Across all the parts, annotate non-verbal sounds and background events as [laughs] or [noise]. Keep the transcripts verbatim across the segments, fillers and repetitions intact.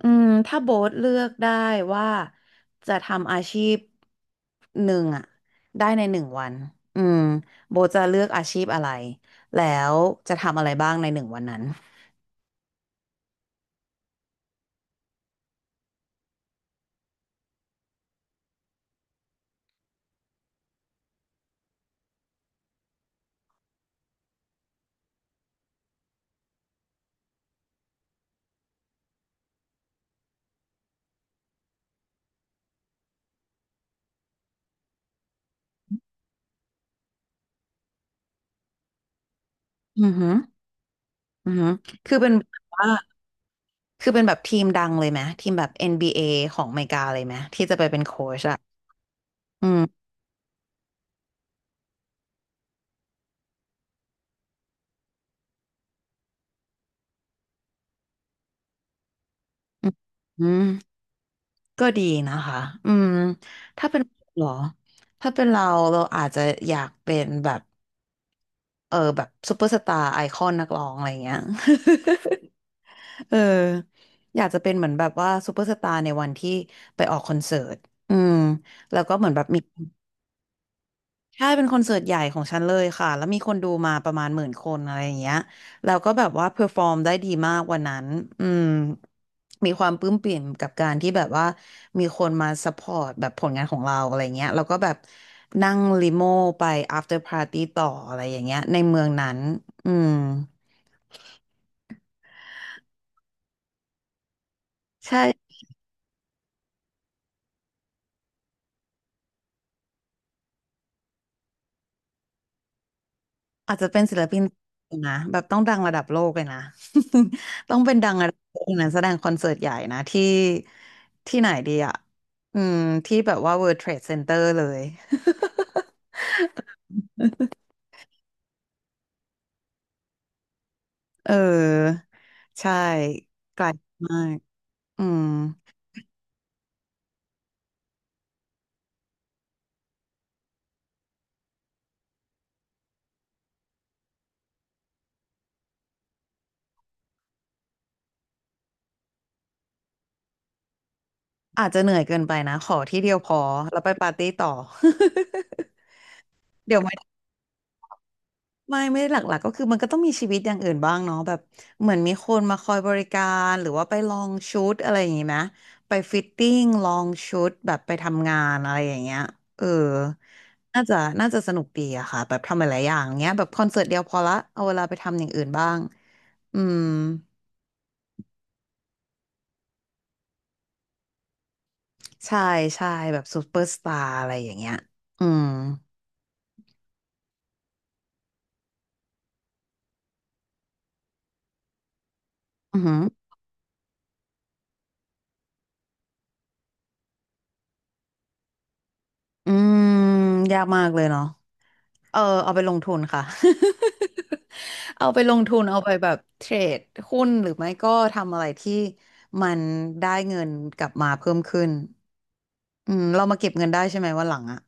อืมถ้าโบ๊ทเลือกได้ว่าจะทำอาชีพหนึ่งอะได้ในหนึ่งวันอืมโบ๊ทจะเลือกอาชีพอะไรแล้วจะทำอะไรบ้างในหนึ่งวันนั้นอือหืออือหือคือเป็นแบบว่าคือเป็นแบบทีมดังเลยไหมทีมแบบ เอ็น บี เอ ของอเมริกาเลยไหมที่จะไปเป็นโค้ชอะอืมอืมก็ดีนะคะอืมถ้าเป็นเราเหรอถ้าเป็นเราเราอาจจะอยากเป็นแบบ เออแบบซูเปอร์สตาร์ไอคอนนักร้องอะไรเงี้ย [laughs] เอออยากจะเป็นเหมือนแบบว่าซูเปอร์สตาร์ในวันที่ไปออกคอนเสิร์ตอืมแล้วก็เหมือนแบบมีใช่เป็นคอนเสิร์ตใหญ่ของฉันเลยค่ะแล้วมีคนดูมาประมาณหมื่นคนอะไรอย่างเงี้ยแล้วก็แบบว่าเพอร์ฟอร์มได้ดีมากวันนั้นอืมมีความปลื้มปริ่มกับการที่แบบว่ามีคนมาซัพพอร์ตแบบผลงานของเราอะไรเงี้ยแล้วก็แบบนั่งลิโม่ไป after party ต่ออะไรอย่างเงี้ยในเมืองนั้นอืม ใช่อาจจะเป็นศิลปินนะแบบต้องดังระดับโลกเลยนะ [laughs] ต้องเป็นดังระดับโลกนะแสดงคอนเสิร์ตใหญ่นะที่ที่ไหนดีอ่ะอืมที่แบบว่า World Trade Center เลย [laughs] เออใช่ไกลมากอืมอาจจะเหนื่อยเกินไปนะขอที่เดียวพอแล้วไปปาร์ตี้ต่อ [laughs] เดี๋ยวไม่ ไม่ไม่ได้หลักๆก็คือมันก็ต้องมีชีวิตอย่างอื่นบ้างเนาะแบบเหมือนมีคนมาคอยบริการหรือว่าไปลองชุดอะไรอย่างงี้ไหมไปฟิตติ้งลองชุดแบบไปทำงานอะไรอย่างเงี้ยเออน่าจะน่าจะสนุกดีอะค่ะแบบทำหลายๆอย่างเงี้ยแบบคอนเสิร์ตเดียวพอละเอาเวลาไปทำอย่างอื่นบ้างอืมใช่ใช่แบบซูเปอร์สตาร์อะไรอย่างเงี้ยอืมอือหืออืมยากมากเลยเนาะ เออเอาไปลงทุนค่ะ [laughs] เอาไปลงทุนเอาไปแบบเทรดหุ้นหรือไม่ก็ทำอะไรที่มันได้เงินกลับมาเพิ่มขึ้นอืมเรามาเก็บเงินได้ใช่ไหมวันหลังอ่ะ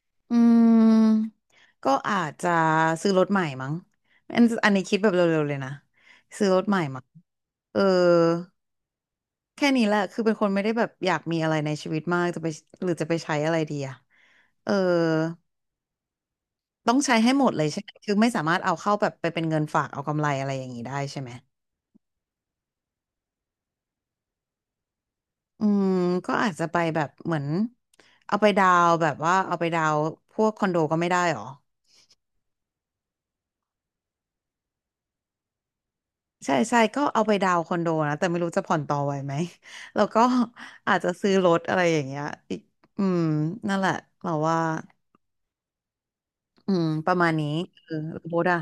[laughs] อืมก็อาจจะซื้อรถใหม่มั้งอันอันนี้คิดแบบเร็วๆเลยนะซื้อรถใหม่มั้งเออแค่นี้แหละคือเป็นคนไม่ได้แบบอยากมีอะไรในชีวิตมากจะไปหรือจะไปใช้อะไรดีอะเออ ต้องใช้ให้หมดเลยใช่ไหมคือไม่สามารถเอาเข้าแบบไปเป็นเงินฝากเอากำไรอะไรอย่างนี้ได้ใช่ไหมอืมก็อาจจะไปแบบเหมือนเอาไปดาวน์แบบว่าเอาไปดาวน์พวกคอนโดก็ไม่ได้หรอใช่ใช่ก็เอาไปดาวน์คอนโดนะแต่ไม่รู้จะผ่อนต่อไหวไหม [laughs] แล้วก็อาจจะซื้อรถอะไรอย่างเงี้ยอีกอืมนั่นแหละเราว่าอืมประมาณนี้เออรถอะ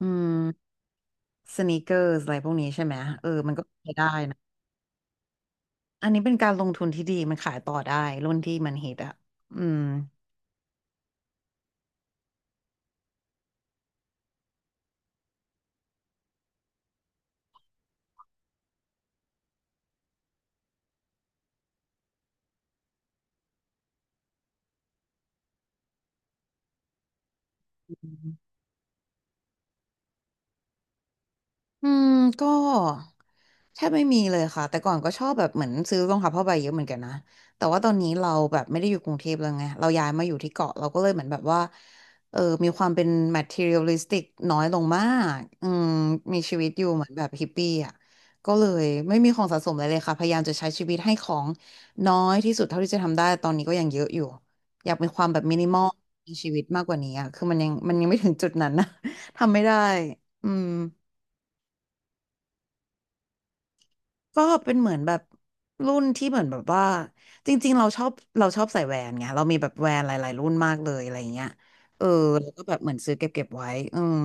อืมสนีกเกอร์อะไรพวกนี้ใช่ไหมเออมันก็อันนี้เป็นการลงทุนที่ดีมันขายต่อได้รุ่นที่มันฮิตอะอืม อืมก็แทบไม่มีเลยค่ะแต่ก่อนก็ชอบแบบเหมือนซื้อรองเท้าผ้าใบเยอะเหมือนกันนะแต่ว่าตอนนี้เราแบบไม่ได้อยู่กรุงเทพแล้วไงเราย้ายมาอยู่ที่เกาะเราก็เลยเหมือนแบบว่าเออมีความเป็น materialistic น้อยลงมากอืมมีชีวิตอยู่เหมือนแบบฮิปปี้อ่ะก็เลยไม่มีของสะสมอะไรเลยค่ะพยายามจะใช้ชีวิตให้ของน้อยที่สุดเท่าที่จะทำได้ตอนนี้ก็ยังเยอะอยู่อยากมีความแบบมินิมอลในชีวิตมากกว่านี้อ่ะคือมันยังมันยังไม่ถึงจุดนั้นนะ [laughs] ทำไม่ได้อืม ก็เป็นเหมือนแบบรุ่นที่เหมือนแบบว่าจริงๆเราชอบเราชอบใส่แหวนไงเรามีแบบแหวนหลายๆรุ่นมากเลยอะไรเงี้ยเออแล้วก็แบบเหมือนซื้อเก็บเก็บไว้อืม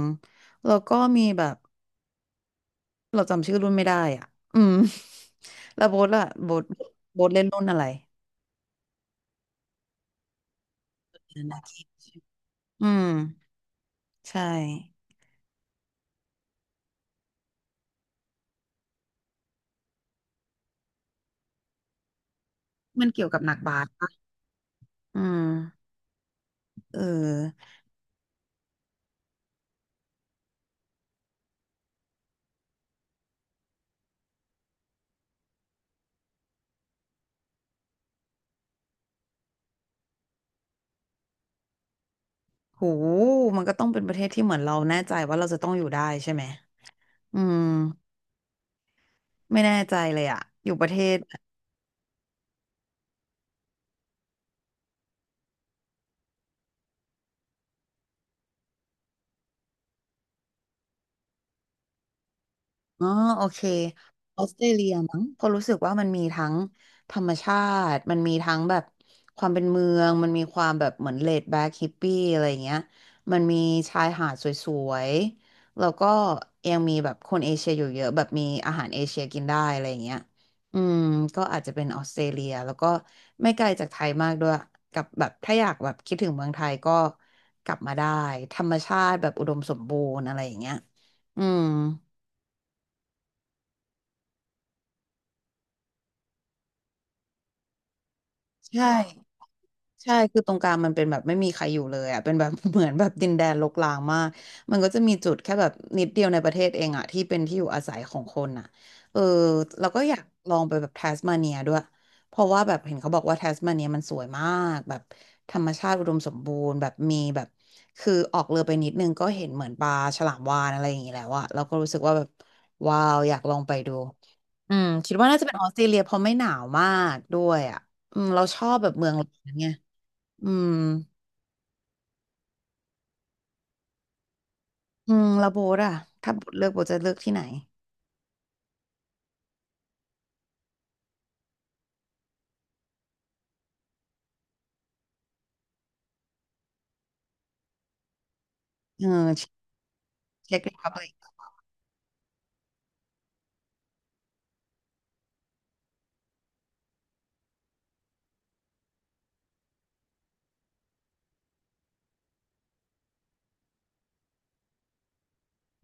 แล้วก็มีแบบเราจำชื่อรุ่นไม่ได้อ่ะอืม [laughs] แล้วโบ๊ทล่ะโบ๊ทโบ๊ทเล่นรุ่นอะไรนาคิอืมใช่มันเกี่ยวกับหนักบาสปะอืมเออโหมันก็ต้องเป็นประเทศที่เหมือนเราแน่ใจว่าเราจะต้องอยู่ได้ใช่ไหมอืมไม่แน่ใจเลยอะอยู่ประเทศไหน อ๋อโอเคออสเตรเลียมั้งเพอราะรู้สึกว่ามันมีทั้งธรรมชาติมันมีทั้งแบบความเป็นเมืองมันมีความแบบเหมือนเลดแบ็กฮิปปี้อะไรอย่างเงี้ยมันมีชายหาดสวยๆแล้วก็ยังมีแบบคนเอเชียอยู่เยอะแบบมีอาหารเอเชียกินได้อะไรอย่างเงี้ยอืมก็อาจจะเป็นออสเตรเลียแล้วก็ไม่ไกลจากไทยมากด้วยกับแบบถ้าอยากแบบคิดถึงเมืองไทยก็กลับมาได้ธรรมชาติแบบอุดมสมบูรณ์อะไรอย่างเงี้ยอืมใช่ ใช่ คือตรงกลางมันเป็นแบบไม่มีใครอยู่เลยอ่ะเป็นแบบ [laughs] เหมือนแบบดินแดนรกร้างมาก มันก็จะมีจุดแค่แบบนิดเดียวในประเทศเองอ่ะที่เป็นที่อยู่อาศัยของคนอ่ะเออเราก็อยากลองไปแบบแทสมาเนียด้วยเพราะว่าแบบเห็นเขาบอกว่าแทสมาเนียมันสวยมากแบบธรรมชาติอุดมสมบูรณ์แบบมีแบบคือออกเรือไปนิดนึงก็เห็นเหมือนปลาฉลามวาฬอะไรอย่างงี้แล้วอ่ะเราก็รู้สึกว่าแบบว้าวอยากลองไปดูอืมคิดว่าน่าจะเป็นออสเตรเลียเพราะไม่หนาวมากด้วยอ่ะอืมเราชอบแบบเมือง [laughs] ร้อนไง อืมอืมแล้วโบทอะถ้าโบทเลือกโบทจะเลือกที่ไหนเออเช็ครีพับลิก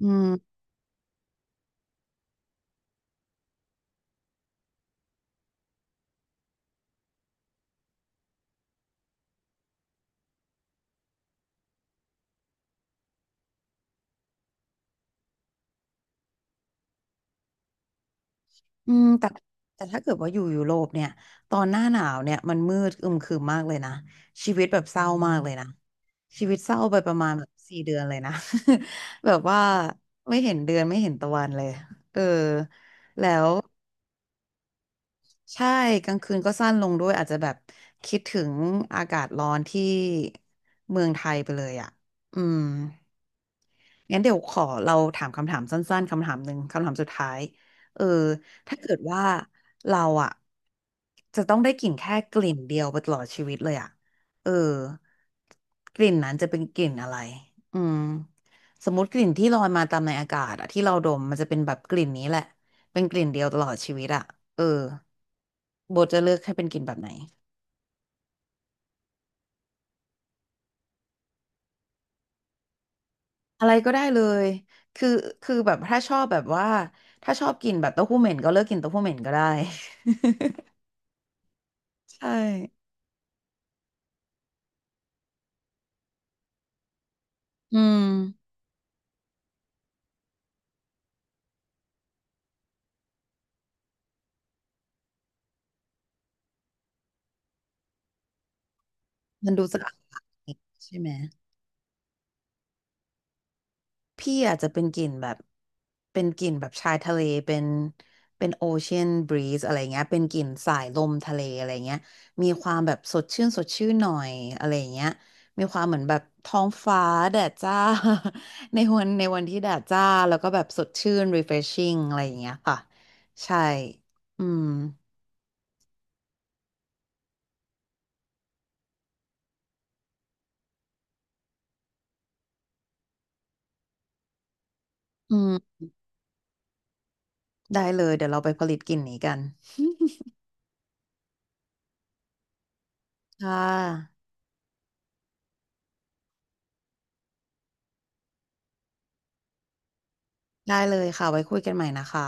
อืมอืมแต่แต่ถ้าเกิดว่าอยู่ยุโรปเนี่ยตอนหน้าหนาวเนี่ยมันมืดอึมครึมมากเลยนะชีวิตแบบเศร้ามากเลยนะชีวิตเศร้าไปประมาณแบบสี่เดือนเลยนะ [laughs] แบบว่าไม่เห็นเดือนไม่เห็นตะวันเลยเออแล้วใช่กลางคืนก็สั้นลงด้วยอาจจะแบบคิดถึงอากาศร้อนที่เมืองไทยไปเลยอะอืม งั้นเดี๋ยวขอเราถามคำถามสั้นๆคำถามหนึ่งคำถามสุดท้ายเออถ้าเกิดว่าเราอะจะต้องได้กลิ่นแค่กลิ่นเดียวไปตลอดชีวิตเลยอะเออกลิ่นนั้นจะเป็นกลิ่นอะไรอืมสมมติกลิ่นที่ลอยมาตามในอากาศอะที่เราดมมันจะเป็นแบบกลิ่นนี้แหละเป็นกลิ่นเดียวตลอดชีวิตอะเออโบจะเลือกให้เป็นกลิ่นแบบไหนอะไรก็ได้เลยคือคือแบบถ้าชอบแบบว่าถ้าชอบกินแบบเต้าหู้เหม็นก็เลิกกินเต้าหู้เหม็นก็ได้ ใช่อืมมันดูสะอาดใช่ไหมพี่อาจจะเป็นกลิ่นแบบเป็นกลิ่นแบบชายทะเลเป็นเป็นโอเชียนบรีซอะไรเงี้ยเป็นกลิ่นสายลมทะเลอะไรเงี้ยมีความแบบสดชื่นสดชื่นหน่อยอะไรเงี้ยมีความเหมือนแบบท้องฟ้าแดดจ้า [laughs] ในวันในวันที่แดดจ้าแล้วก็แบบสดชื่น refreshing อะไรอย่างเงี้ยค่ะใช่อืมอืมได้เลยเดี๋ยวเราไปผลิตกลิ่นนี้กันค่ะ ได้เลยค่ะไว้คุยกันใหม่นะคะ